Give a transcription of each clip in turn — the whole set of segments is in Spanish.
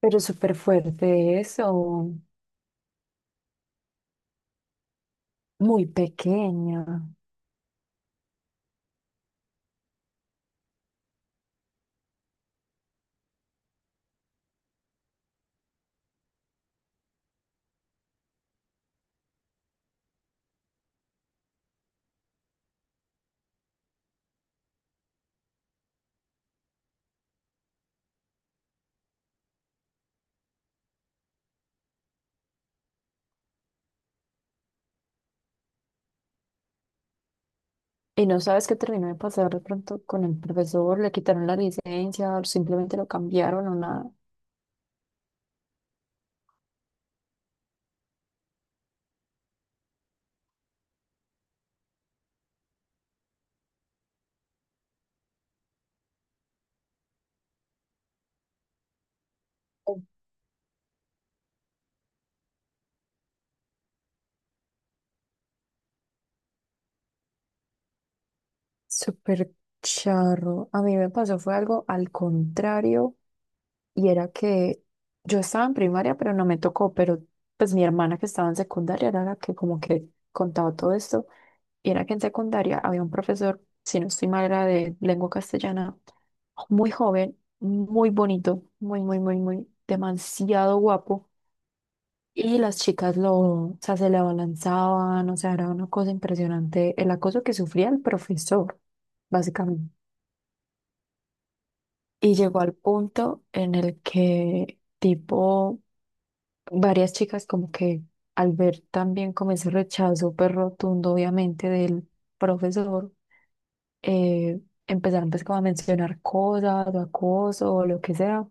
Pero súper fuerte eso, muy pequeña. Y no sabes qué terminó de pasar de pronto con el profesor, le quitaron la licencia, o simplemente lo cambiaron o nada. Súper charro. A mí me pasó fue algo al contrario y era que yo estaba en primaria, pero no me tocó, pero pues mi hermana que estaba en secundaria era la que como que contaba todo esto y era que en secundaria había un profesor, si no estoy mal, era de lengua castellana, muy joven, muy bonito, muy, muy, muy, muy, demasiado guapo. Y las chicas lo, o sea, se le abalanzaban, o sea, era una cosa impresionante el acoso que sufría el profesor, básicamente. Y llegó al punto en el que, tipo, varias chicas como que al ver también como ese rechazo, pues rotundo, obviamente, del profesor, eh, empezaron pues como a mencionar cosas, o acoso, o lo que sea.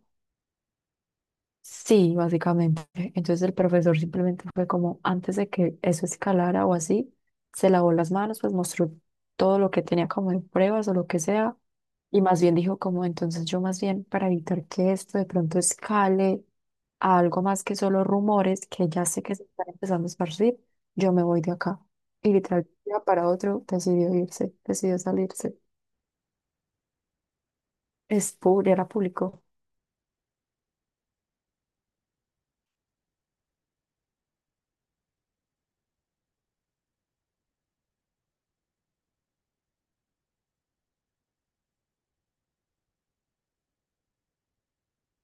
Sí, básicamente. Entonces el profesor simplemente fue como, antes de que eso escalara o así, se lavó las manos, pues mostró todo lo que tenía como de pruebas o lo que sea, y más bien dijo como, entonces yo más bien para evitar que esto de pronto escale a algo más que solo rumores, que ya sé que se están empezando a esparcir, yo me voy de acá. Y literal, de un día para otro decidió irse, decidió salirse. Es público, era público.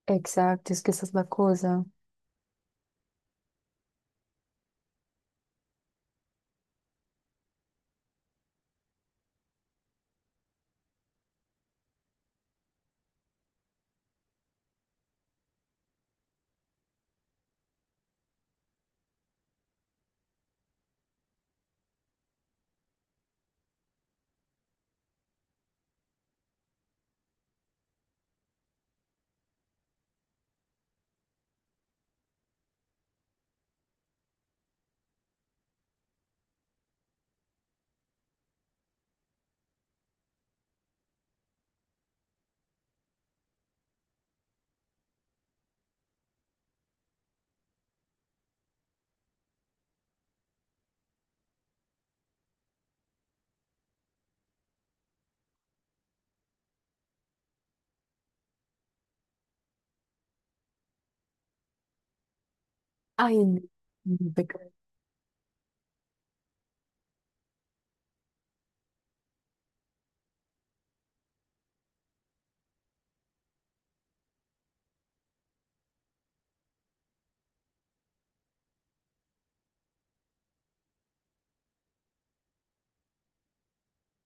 Exacto, es que esa es la cosa. Ay, no,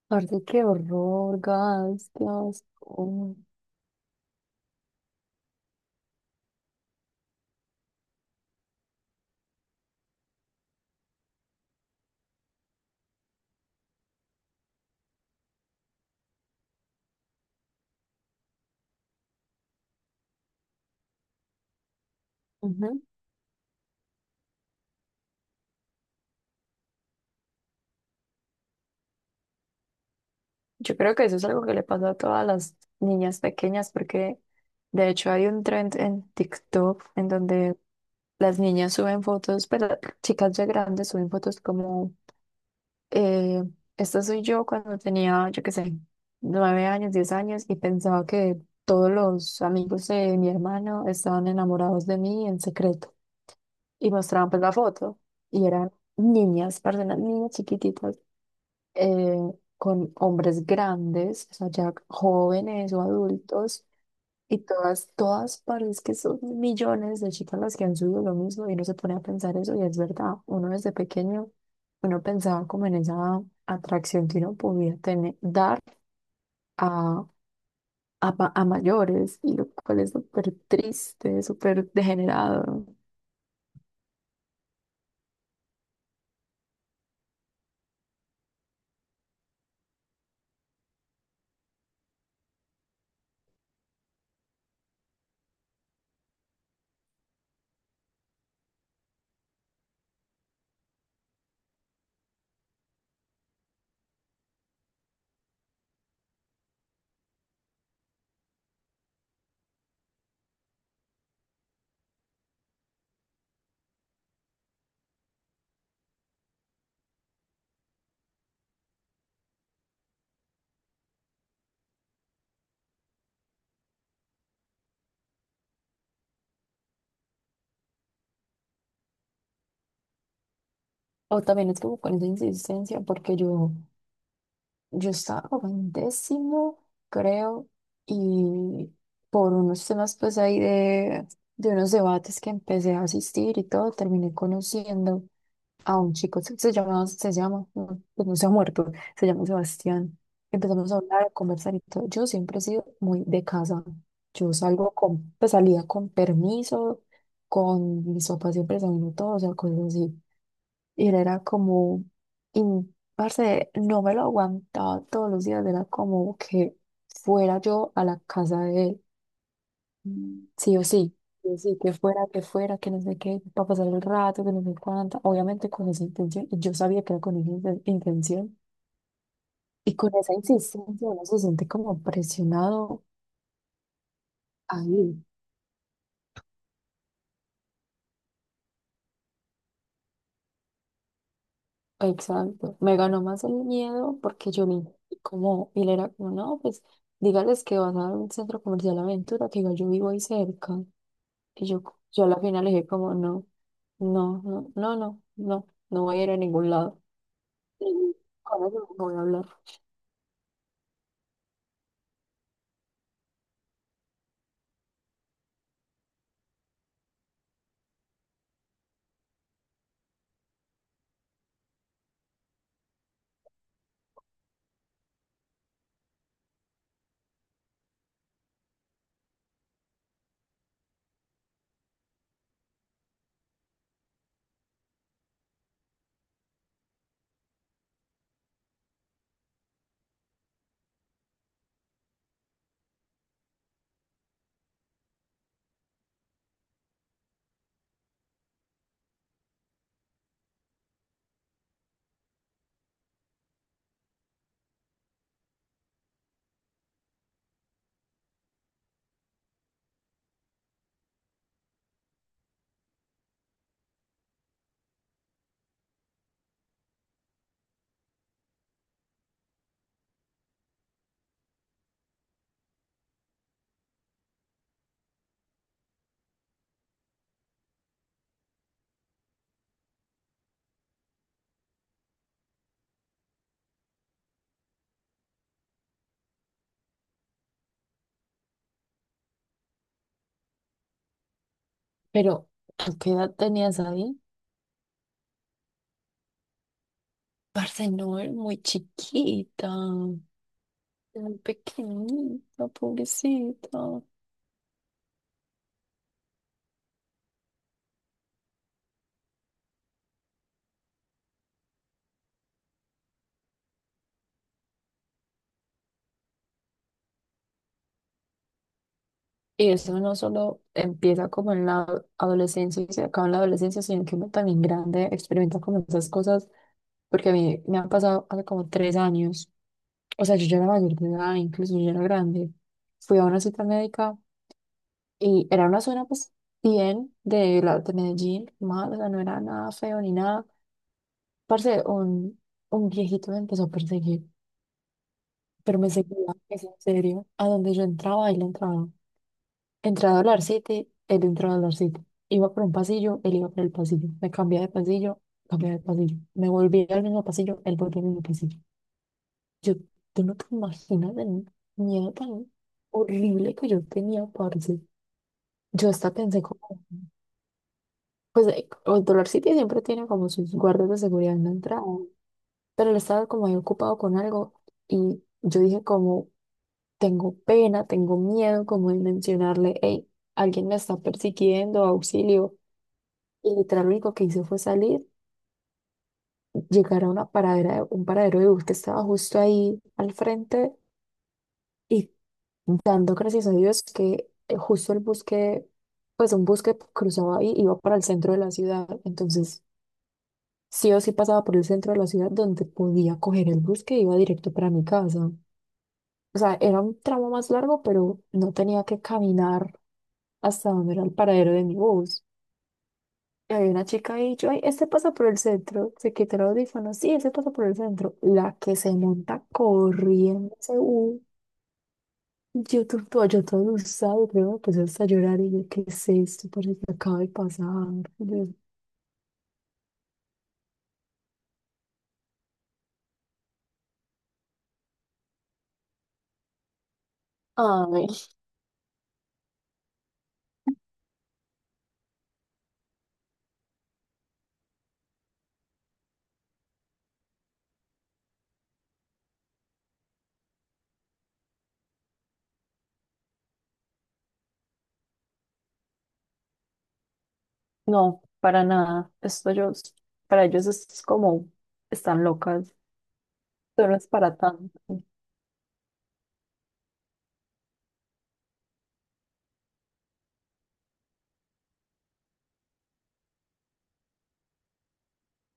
aparte, qué horror, gas, qué asco. Ujú. Yo creo que eso es algo que le pasa a todas las niñas pequeñas, porque de hecho hay un trend en TikTok en donde las niñas suben fotos, pero chicas ya grandes suben fotos como, eh, esta soy yo cuando tenía, yo qué sé, nueve años, diez años, y pensaba que todos los amigos de mi hermano estaban enamorados de mí en secreto. Y mostraban pues la foto, y eran niñas, personas, niñas chiquititas eh, con hombres grandes, o sea, ya jóvenes o adultos, y todas, todas parece que son millones de chicas las que han subido lo mismo y uno se pone a pensar eso y es verdad, uno desde pequeño, uno pensaba como en esa atracción que uno podía tener, dar a, a mayores, y lo cual es súper triste, súper degenerado. O también es como con esa insistencia, porque yo estaba como en décimo, creo, y por unos temas pues ahí de unos debates que empecé a asistir y todo, terminé conociendo a un chico, se llama, se llama, no, pues no se ha muerto, se llama Sebastián. Empezamos a hablar, a conversar y todo. Yo siempre he sido muy de casa. Yo salgo con, pues salía con permiso, con mis papás siempre saliendo todo, o sea, cosas así. Y él era como, parce, no me lo aguantaba todos los días, era como que fuera yo a la casa de él, Mm. Sí o sí, sí o sí, que fuera, que fuera, que no sé qué, para pasar el rato, que no sé cuánta, obviamente con esa intención, y yo sabía que era con esa intención, y con esa insistencia uno se siente como presionado ahí. Exacto, me ganó más el miedo porque yo vi como, y él era como, no, pues dígales que vas a un centro comercial Aventura, que igual yo vivo ahí cerca. Y yo a la final le dije como, no, no, no, no, no, no, no voy a ir a ningún lado. Con eso no voy a hablar. Pero, ¿tú qué edad tenías ahí? Parce, no, era muy chiquita, muy pequeñita, pobrecita. Y eso no solo empieza como en la adolescencia y se acaba en la adolescencia, sino que uno también grande experimenta como esas cosas, porque a mí me han pasado hace como tres años, o sea, yo ya era mayor de edad, incluso yo ya era grande, fui a una cita médica y era una zona pues bien de Medellín, mal, o sea, no era nada feo ni nada, parce, un viejito me empezó a perseguir, pero me seguía, es en serio, a donde yo entraba, él entraba. Entré a Dollar City, él entró a Dollar City. Iba por un pasillo, él iba por el pasillo. Me cambié de pasillo, cambié de pasillo. Me volví al mismo pasillo, él volvió al mismo pasillo. Yo, tú no te imaginas el miedo tan horrible que yo tenía, parce. Yo hasta pensé como, pues el Dollar City siempre tiene como sus guardas de seguridad en la entrada, pero él estaba como ahí ocupado con algo y yo dije como, tengo pena, tengo miedo como de mencionarle, hey, alguien me está persiguiendo, auxilio. Y literal lo único que hice fue salir, llegar a una paradera, un paradero de bus que estaba justo ahí al frente y dando gracias a Dios que justo el bus que, pues un bus que cruzaba ahí iba para el centro de la ciudad. Entonces, sí o sí pasaba por el centro de la ciudad donde podía coger el bus que iba directo para mi casa. O sea, era un tramo más largo, pero no tenía que caminar hasta donde era el paradero de mi bus. Y había una chica ahí, yo, ay, este pasa por el centro, se quitó el audífono, sí, ese pasa por el centro, la que se monta corriendo, ese U, yo todo usado, creo, me puse hasta a llorar y yo, ¿qué es esto? Por que acaba de pasar. Y yo, ay, no, para nada. Esto yo, para ellos es como, están locas. Esto no es para tanto.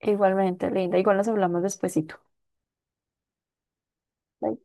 Igualmente, linda. Igual nos hablamos despuesito. Bye.